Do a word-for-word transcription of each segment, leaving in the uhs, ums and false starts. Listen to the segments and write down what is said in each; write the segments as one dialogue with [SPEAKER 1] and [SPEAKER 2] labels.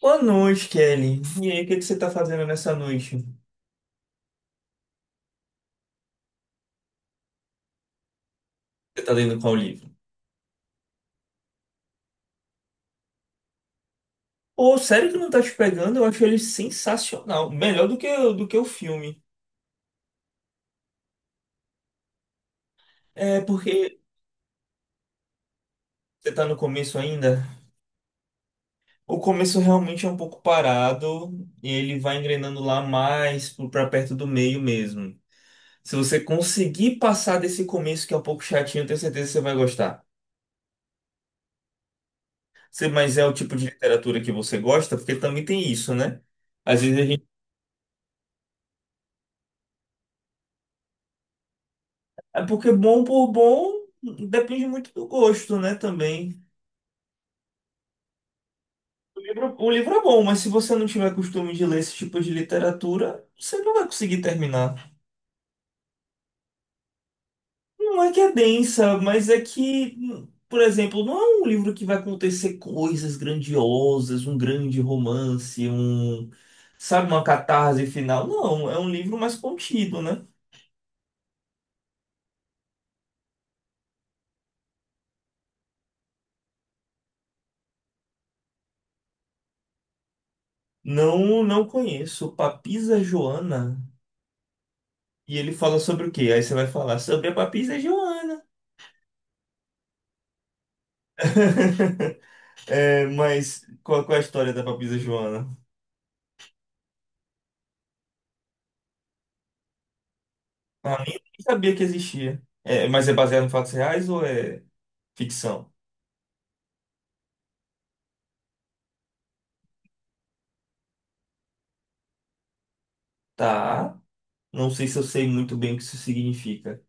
[SPEAKER 1] Boa noite, Kelly. E aí, o que que você tá fazendo nessa noite? Você tá lendo qual livro? Pô, sério que não tá te pegando? Eu acho ele sensacional. Melhor do que, do que o filme. É porque você tá no começo ainda. O começo realmente é um pouco parado. E ele vai engrenando lá mais pro- pra perto do meio mesmo. Se você conseguir passar desse começo que é um pouco chatinho, eu tenho certeza que você vai gostar. Você- Mas é o tipo de literatura que você gosta? Porque também tem isso, né? Às vezes a... É porque bom por bom depende muito do gosto, né, também. O livro, o livro é bom, mas se você não tiver costume de ler esse tipo de literatura, você não vai conseguir terminar. Não é que é densa, mas é que, por exemplo, não é um livro que vai acontecer coisas grandiosas, um grande romance, um, sabe, uma catarse final. Não, é um livro mais contido, né? Não, não conheço. Papisa Joana. E ele fala sobre o quê? Aí você vai falar sobre a Papisa Joana. É, mas qual, qual é a história da Papisa Joana? Ah, nem sabia que existia. É, mas é baseado em fatos reais ou é ficção? Tá. Não sei se eu sei muito bem o que isso significa.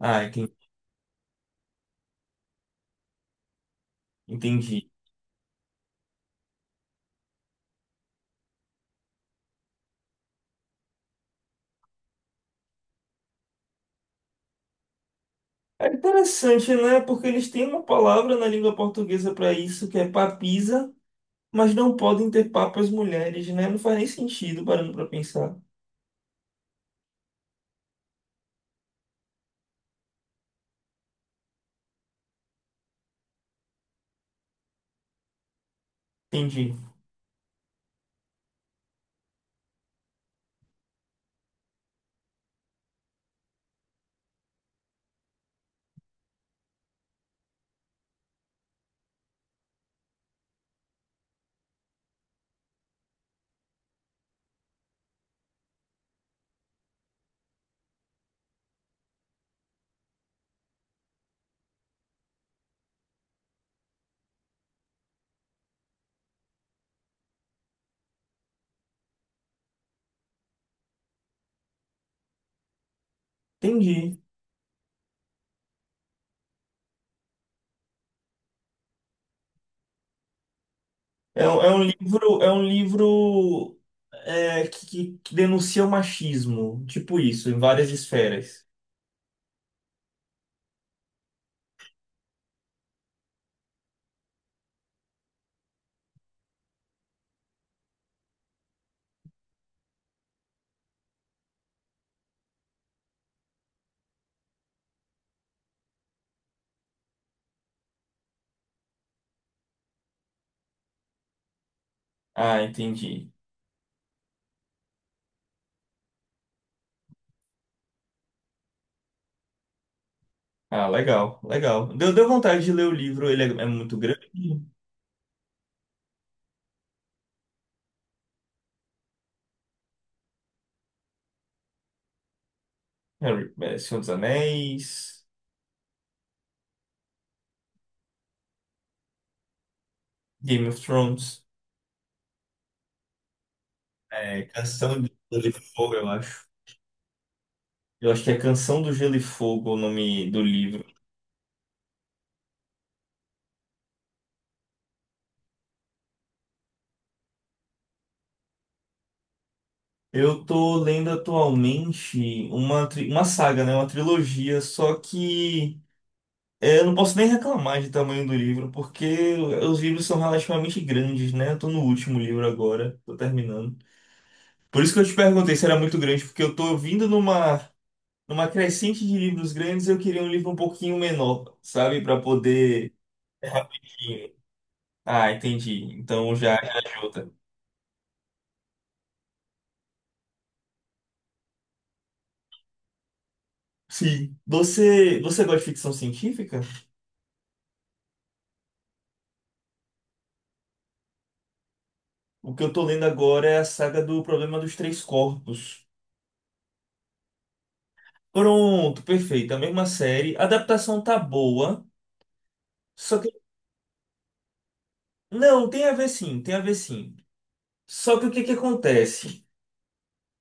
[SPEAKER 1] Ah, enten- Entendi. É interessante, né? Porque eles têm uma palavra na língua portuguesa para isso, que é papisa, mas não podem ter papas mulheres, né? Não faz nem sentido parando para pensar. Entendi. Entendi. É, um- é um livro, é um livro é, que, que- que denuncia o machismo, tipo isso, em várias esferas. Ah, entendi. Ah, legal, legal. Deu, deu vontade de ler o livro, ele é, é muito grande. Harry, é, Senhor dos Anéis, Game of Thrones, é, Canção de Gelo e Fogo, eu acho. Eu acho que é Canção do Gelo e Fogo o nome do livro. Eu tô lendo atualmente uma, tri- uma saga, né? Uma trilogia, só que... É, eu não posso nem reclamar de tamanho do livro, porque os livros são relativamente grandes, né? Eu tô no último livro agora, tô terminando. Por isso que eu te perguntei se era muito grande, porque eu tô vindo numa, numa crescente de livros grandes, e eu queria um livro um pouquinho menor, sabe? Pra poder. É rapidinho. Ah, entendi. Então já, já ajuda. Sim. Você, você gosta de ficção científica? O que eu tô lendo agora é a saga do Problema dos Três Corpos. Pronto, perfeito. A mesma série. A adaptação tá boa, só que... Não, tem a ver sim, tem a ver sim. Só que o que que acontece?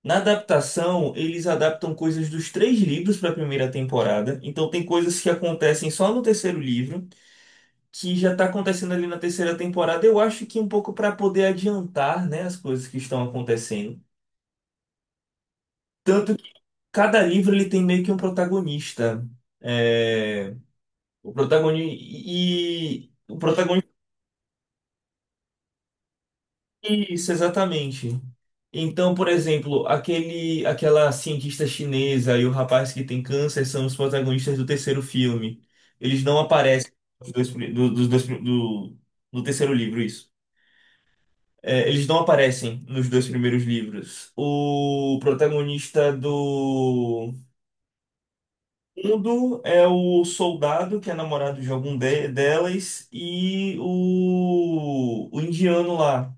[SPEAKER 1] Na adaptação, eles adaptam coisas dos três livros para a primeira temporada. Então tem coisas que acontecem só no terceiro livro, que já está acontecendo ali na terceira temporada. Eu acho que um pouco para poder adiantar, né, as coisas que estão acontecendo. Tanto que cada livro ele tem meio que um protagonista. É, o protagonista e o protagonista... Isso, exatamente. Então, por exemplo, aquele, aquela cientista chinesa e o rapaz que tem câncer são os protagonistas do terceiro filme. Eles não aparecem nos dois pri- do, dos dois pri- do, do terceiro livro, isso. É, eles não aparecem nos dois primeiros livros. O protagonista do mundo é o soldado, que é namorado de algum de- delas, e o, o indiano lá.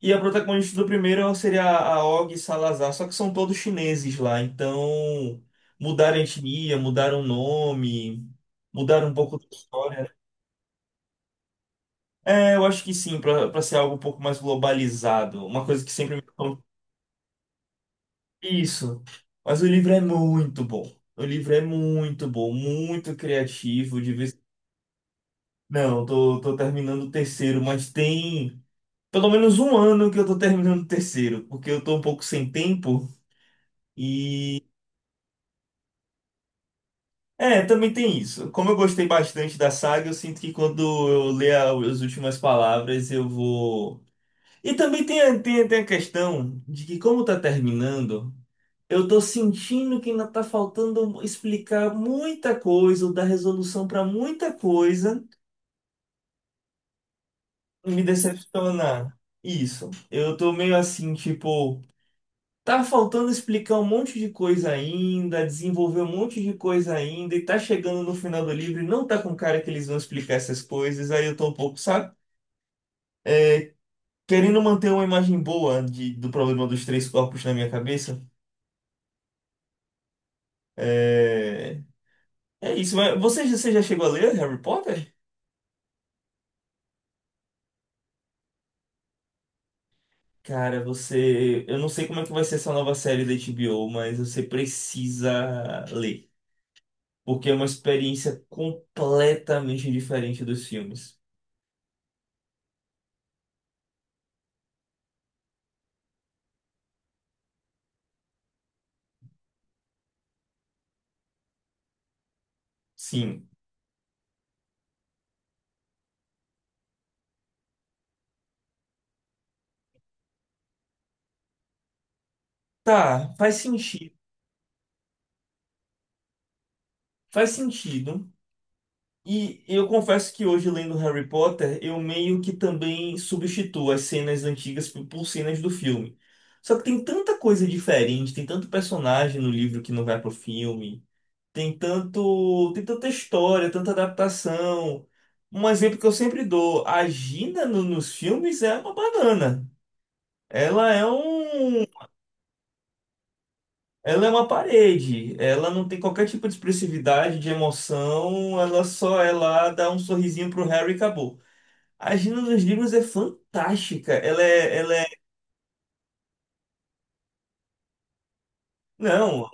[SPEAKER 1] E a protagonista do primeiro seria a Og Salazar, só que são todos chineses lá, então mudaram a etnia, mudaram o nome, mudaram um pouco da história, né? É, eu acho que sim, pra pra ser algo um pouco mais globalizado, uma coisa que sempre me falam. Isso. Mas o livro é muito bom. O livro é muito bom, muito criativo, de vez... Não, tô, tô terminando o terceiro, mas tem pelo menos um ano que eu tô terminando o terceiro, porque eu tô um pouco sem tempo. É, também tem isso. Como eu gostei bastante da saga, eu sinto que quando eu ler a- as últimas palavras, eu vou. E também tem, a- tem, a- tem a questão de que, como tá terminando, eu tô sentindo que ainda tá faltando explicar muita coisa, ou dar resolução pra muita coisa, e me decepciona. Isso. Eu tô meio assim, tipo. Tá faltando explicar um monte de coisa ainda, desenvolver um monte de coisa ainda, e tá chegando no final do livro e não tá com cara que eles vão explicar essas coisas, aí eu tô um pouco, sabe? É, querendo manter uma imagem boa de- do problema dos três corpos na minha cabeça. É, é isso, mas você, já- você já chegou a ler Harry Potter? Cara, você... Eu não sei como é que vai ser essa nova série da H B O, mas você precisa ler. Porque é uma experiência completamente diferente dos filmes. Sim. Tá, faz sentido. Faz sentido. E eu confesso que hoje, lendo Harry Potter, eu meio que também substituo as cenas antigas por por cenas do filme. Só que tem tanta coisa diferente, tem tanto personagem no livro que não vai pro filme, tem tanto, tem tanta história, tanta adaptação. Um exemplo que eu sempre dou, a Gina no- nos filmes é uma banana. Ela é um... Ela é uma parede, ela não tem qualquer tipo de expressividade, de emoção, ela só é lá, dá um sorrisinho pro Harry e acabou. A Gina dos livros é fantástica, ela é, ela é... Não,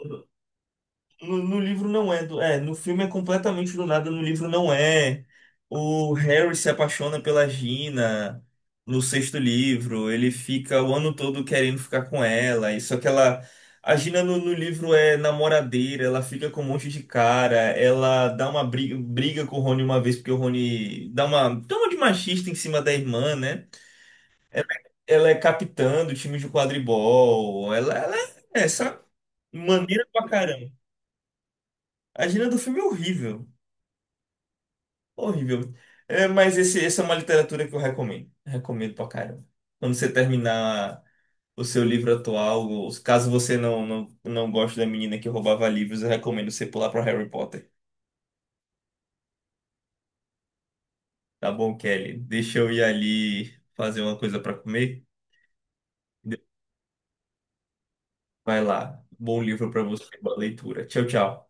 [SPEAKER 1] No, no livro não é, do, é, no filme é completamente do nada, no livro não é. O Harry se apaixona pela Gina no sexto livro, ele fica o ano todo querendo ficar com ela, e só que ela... A Gina no, no livro é namoradeira, ela fica com um monte de cara, ela dá uma briga, briga com o Rony uma vez, porque o Rony dá uma toma de machista em cima da irmã, né? Ela é capitã do time de quadribol, ela, ela é essa maneira pra caramba. A Gina do filme é horrível. Horrível. É, mas esse, essa é uma literatura que eu recomendo. Recomendo pra caramba. Quando você terminar o seu livro atual, ou caso você não, não, não goste da menina que roubava livros, eu recomendo você pular pra Harry Potter. Tá bom, Kelly? Deixa eu ir ali fazer uma coisa pra comer. Vai lá. Bom livro pra você, boa leitura. Tchau, tchau.